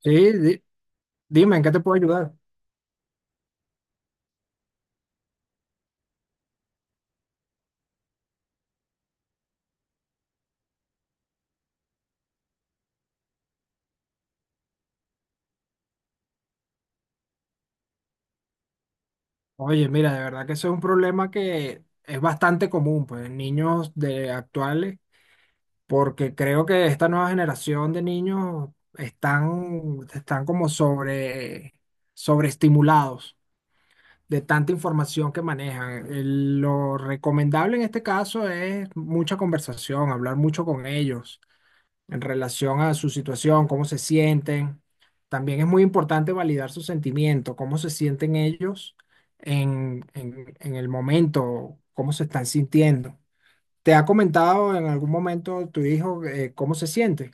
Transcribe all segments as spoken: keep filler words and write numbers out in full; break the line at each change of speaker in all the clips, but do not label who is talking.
Sí, di- dime, ¿en qué te puedo ayudar? Oye, mira, de verdad que ese es un problema que es bastante común, pues, en niños de actuales, porque creo que esta nueva generación de niños están, están como sobre, sobreestimulados de tanta información que manejan. El- lo recomendable en este caso es mucha conversación, hablar mucho con ellos en relación a su situación, cómo se sienten. También es muy importante validar sus sentimientos, cómo se sienten ellos en, en, en el momento, cómo se están sintiendo. ¿Te ha comentado en algún momento tu hijo, eh, cómo se siente?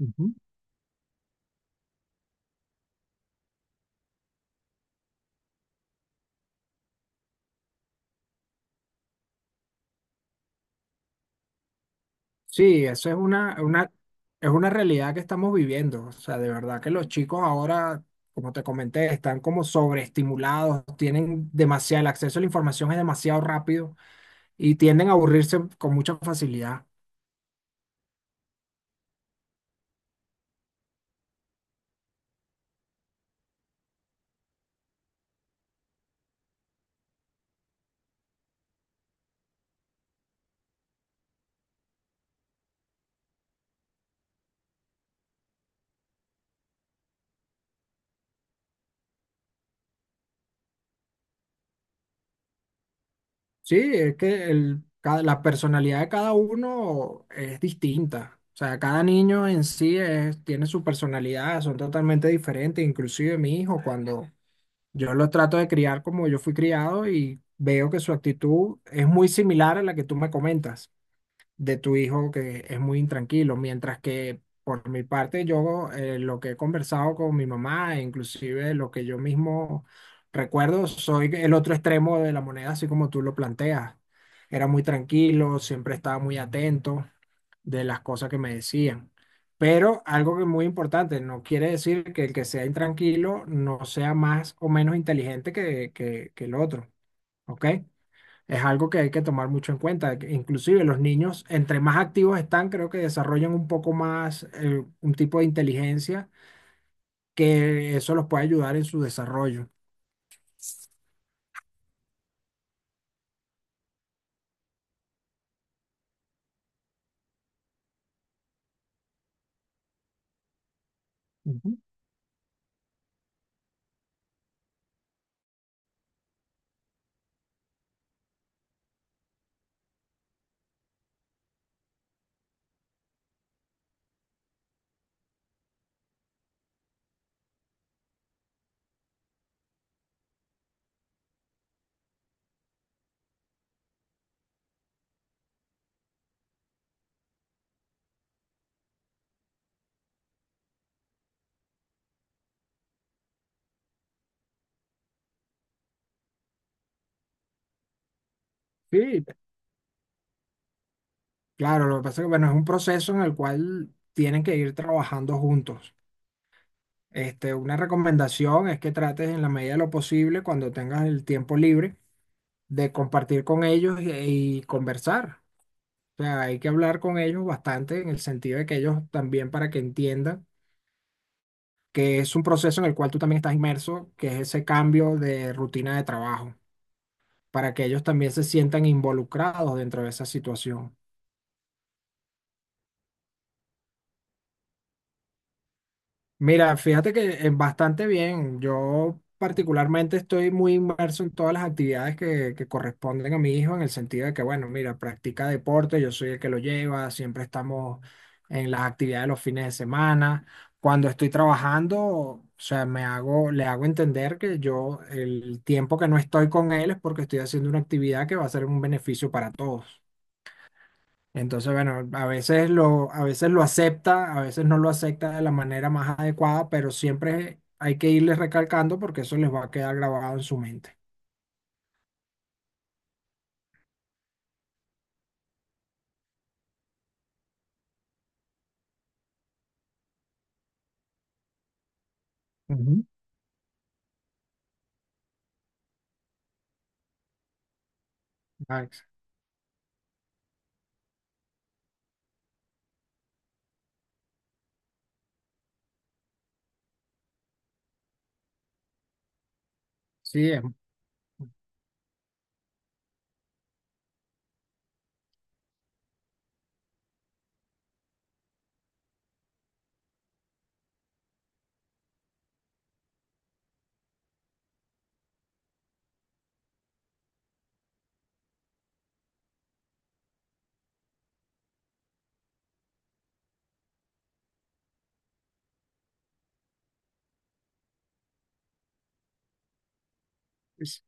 Ujú. Sí, eso es una, una, es una realidad que estamos viviendo. O sea, de verdad que los chicos ahora, como te comenté, están como sobreestimulados, tienen demasiado, el acceso a la información es demasiado rápido y tienden a aburrirse con mucha facilidad. Sí, es que el, cada- la personalidad de cada uno es distinta. O sea, cada niño en sí es- tiene su personalidad, son totalmente diferentes. Inclusive mi hijo, cuando yo lo trato de criar como yo fui criado y veo que su actitud es muy similar a la que tú me comentas de tu hijo que es muy intranquilo, mientras que por mi parte yo, eh, lo que he conversado con mi mamá, e inclusive lo que yo mismo recuerdo, soy el otro extremo de la moneda, así como tú lo planteas. Era muy tranquilo, siempre estaba muy atento de las cosas que me decían. Pero algo que es muy importante, no quiere decir que el que sea intranquilo no sea más o menos inteligente que, que, que el otro, ¿ok? Es algo que hay que tomar mucho en cuenta. Que Inclusive los niños, entre más activos están, creo que desarrollan un poco más, eh, un tipo de inteligencia que eso los puede ayudar en su desarrollo. Ujú. Sí, claro, lo que pasa es que, bueno, es un proceso en el cual tienen que ir trabajando juntos. Este, una recomendación es que trates en la medida de lo posible, cuando tengas el tiempo libre, de compartir con ellos y, y conversar. O sea, hay que hablar con ellos bastante en el sentido de que ellos también, para que entiendan que es un proceso en el cual tú también estás inmerso, que es ese cambio de rutina de trabajo, para que ellos también se sientan involucrados dentro de esa situación. Mira, fíjate que es bastante bien. Yo particularmente estoy muy inmerso en todas las actividades que, que corresponden a mi hijo, en el sentido de que, bueno, mira, practica deporte, yo soy el que lo lleva, siempre estamos en las actividades de los fines de semana. Cuando estoy trabajando, o sea, me hago, le hago entender que yo el tiempo que no estoy con él es porque estoy haciendo una actividad que va a ser un beneficio para todos. Entonces, bueno, a veces lo, a veces lo acepta, a veces no lo acepta de la manera más adecuada, pero siempre hay que irles recalcando porque eso les va a quedar grabado en su mente. Ujú. Alex. Sí, es- es-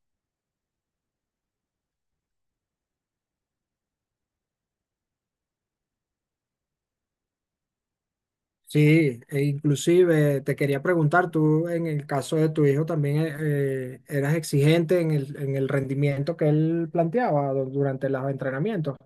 sí, e inclusive te quería preguntar, tú en el caso de tu hijo también, eh, eh, ¿eras exigente en el, en el rendimiento que él planteaba du- durante los entrenamientos?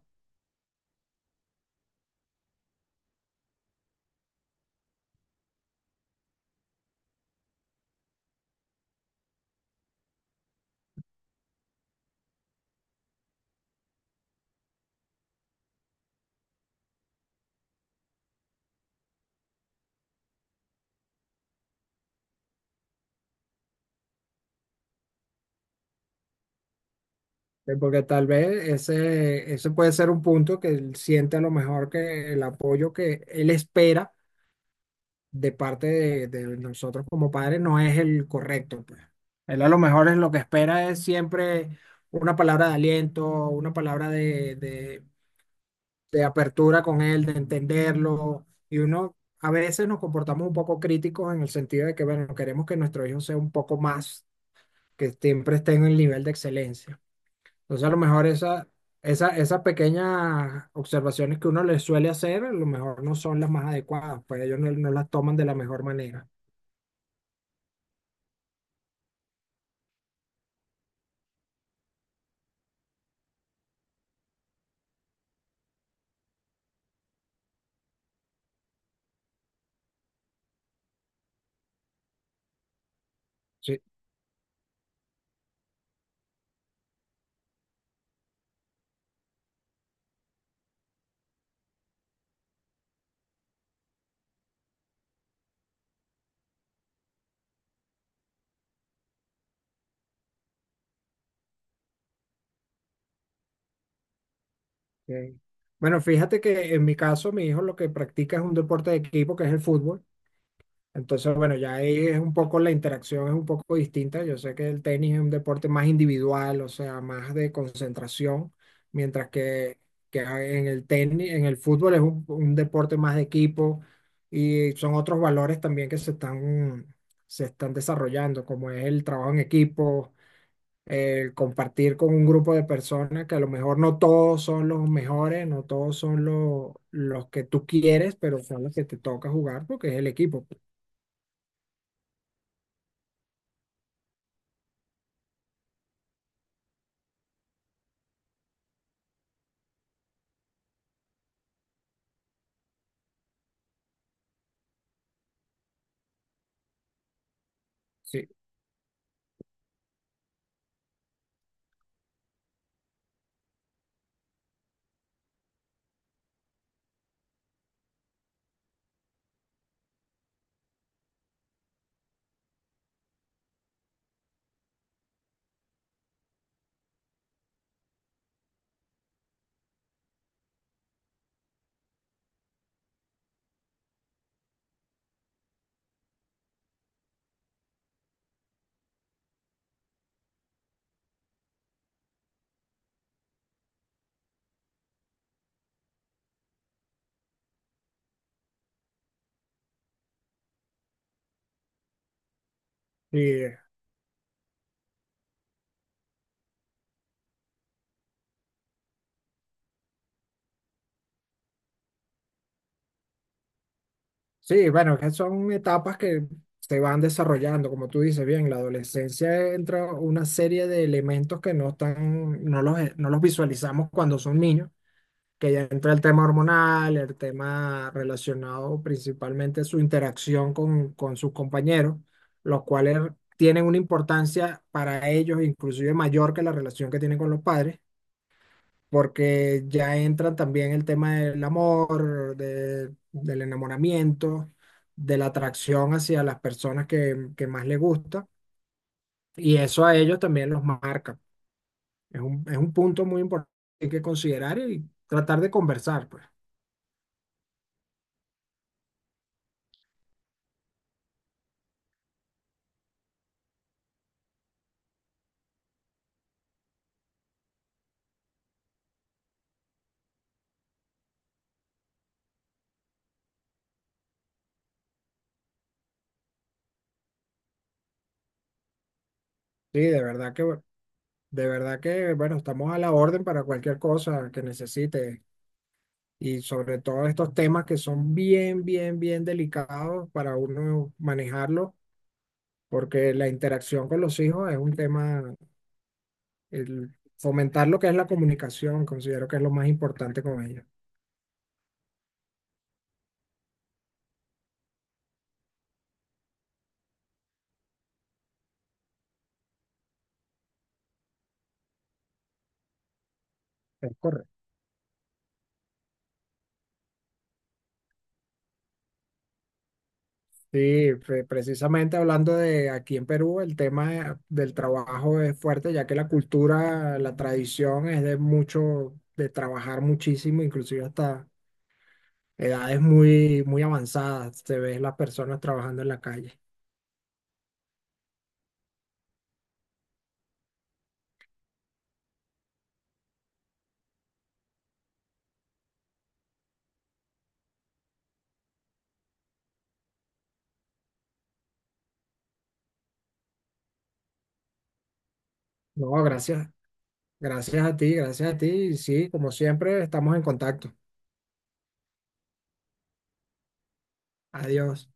Eh, porque tal vez ese, ese puede ser un punto que él siente a lo mejor, que el apoyo que él espera de parte de, de nosotros como padres no es el correcto, pues. Él a lo mejor, es lo que espera es siempre una palabra de aliento, una palabra de, de, de apertura con él, de entenderlo. Y uno a veces nos comportamos un poco críticos en el sentido de que, bueno, queremos que nuestro hijo sea un poco más, que siempre esté en el nivel de excelencia. Entonces, a lo mejor esa, esa, esas pequeñas observaciones que uno le suele hacer, a lo mejor no son las más adecuadas, pues ellos no, no las toman de la mejor manera. Sí. Ok. Bueno, fíjate que en mi caso, mi hijo lo que practica es un deporte de equipo, que es el fútbol. Entonces, bueno, ya ahí es un poco, la interacción es un poco distinta. Yo sé que el tenis es un deporte más individual, o sea, más de concentración, mientras que, que en el tenis, en el fútbol es un, un deporte más de equipo y son otros valores también que se están, se están desarrollando, como es el trabajo en equipo, el compartir con un grupo de personas que a lo mejor no todos son los mejores, no todos son los, los que tú quieres, pero son los que te toca jugar porque es el equipo, pues. Sí, sí, sí, bueno, que son etapas que se van desarrollando, como tú dices bien. La adolescencia, entra una serie de elementos que no están, no los, no los visualizamos cuando son niños, que ya entra el tema hormonal, el tema relacionado principalmente a su interacción con, con sus compañeros, los cuales tienen una importancia para ellos inclusive mayor que la relación que tienen con los padres, porque ya entran también el tema del amor, de- del enamoramiento, de la atracción hacia las personas que, que más les gusta, y eso a ellos también los marca. Es un, es un punto muy importante que hay que considerar y tratar de conversar, pues. Sí, de verdad que De verdad que, bueno, estamos a la orden para cualquier cosa que necesite, y sobre todo estos temas que son bien, bien, bien delicados para uno manejarlo, porque la interacción con los hijos es un tema. El fomentar lo que es la comunicación, considero que es lo más importante con ellos. Es correcto. Sí, pre- precisamente hablando de aquí en Perú, el tema, eh, del trabajo es fuerte, ya que la cultura, la tradición es de mucho, de trabajar muchísimo, inclusive hasta edades muy, muy avanzadas, te ves las personas trabajando en la calle. No, gracias, gracias a ti, gracias a ti. y Sí, como siempre, estamos en contacto. Adiós.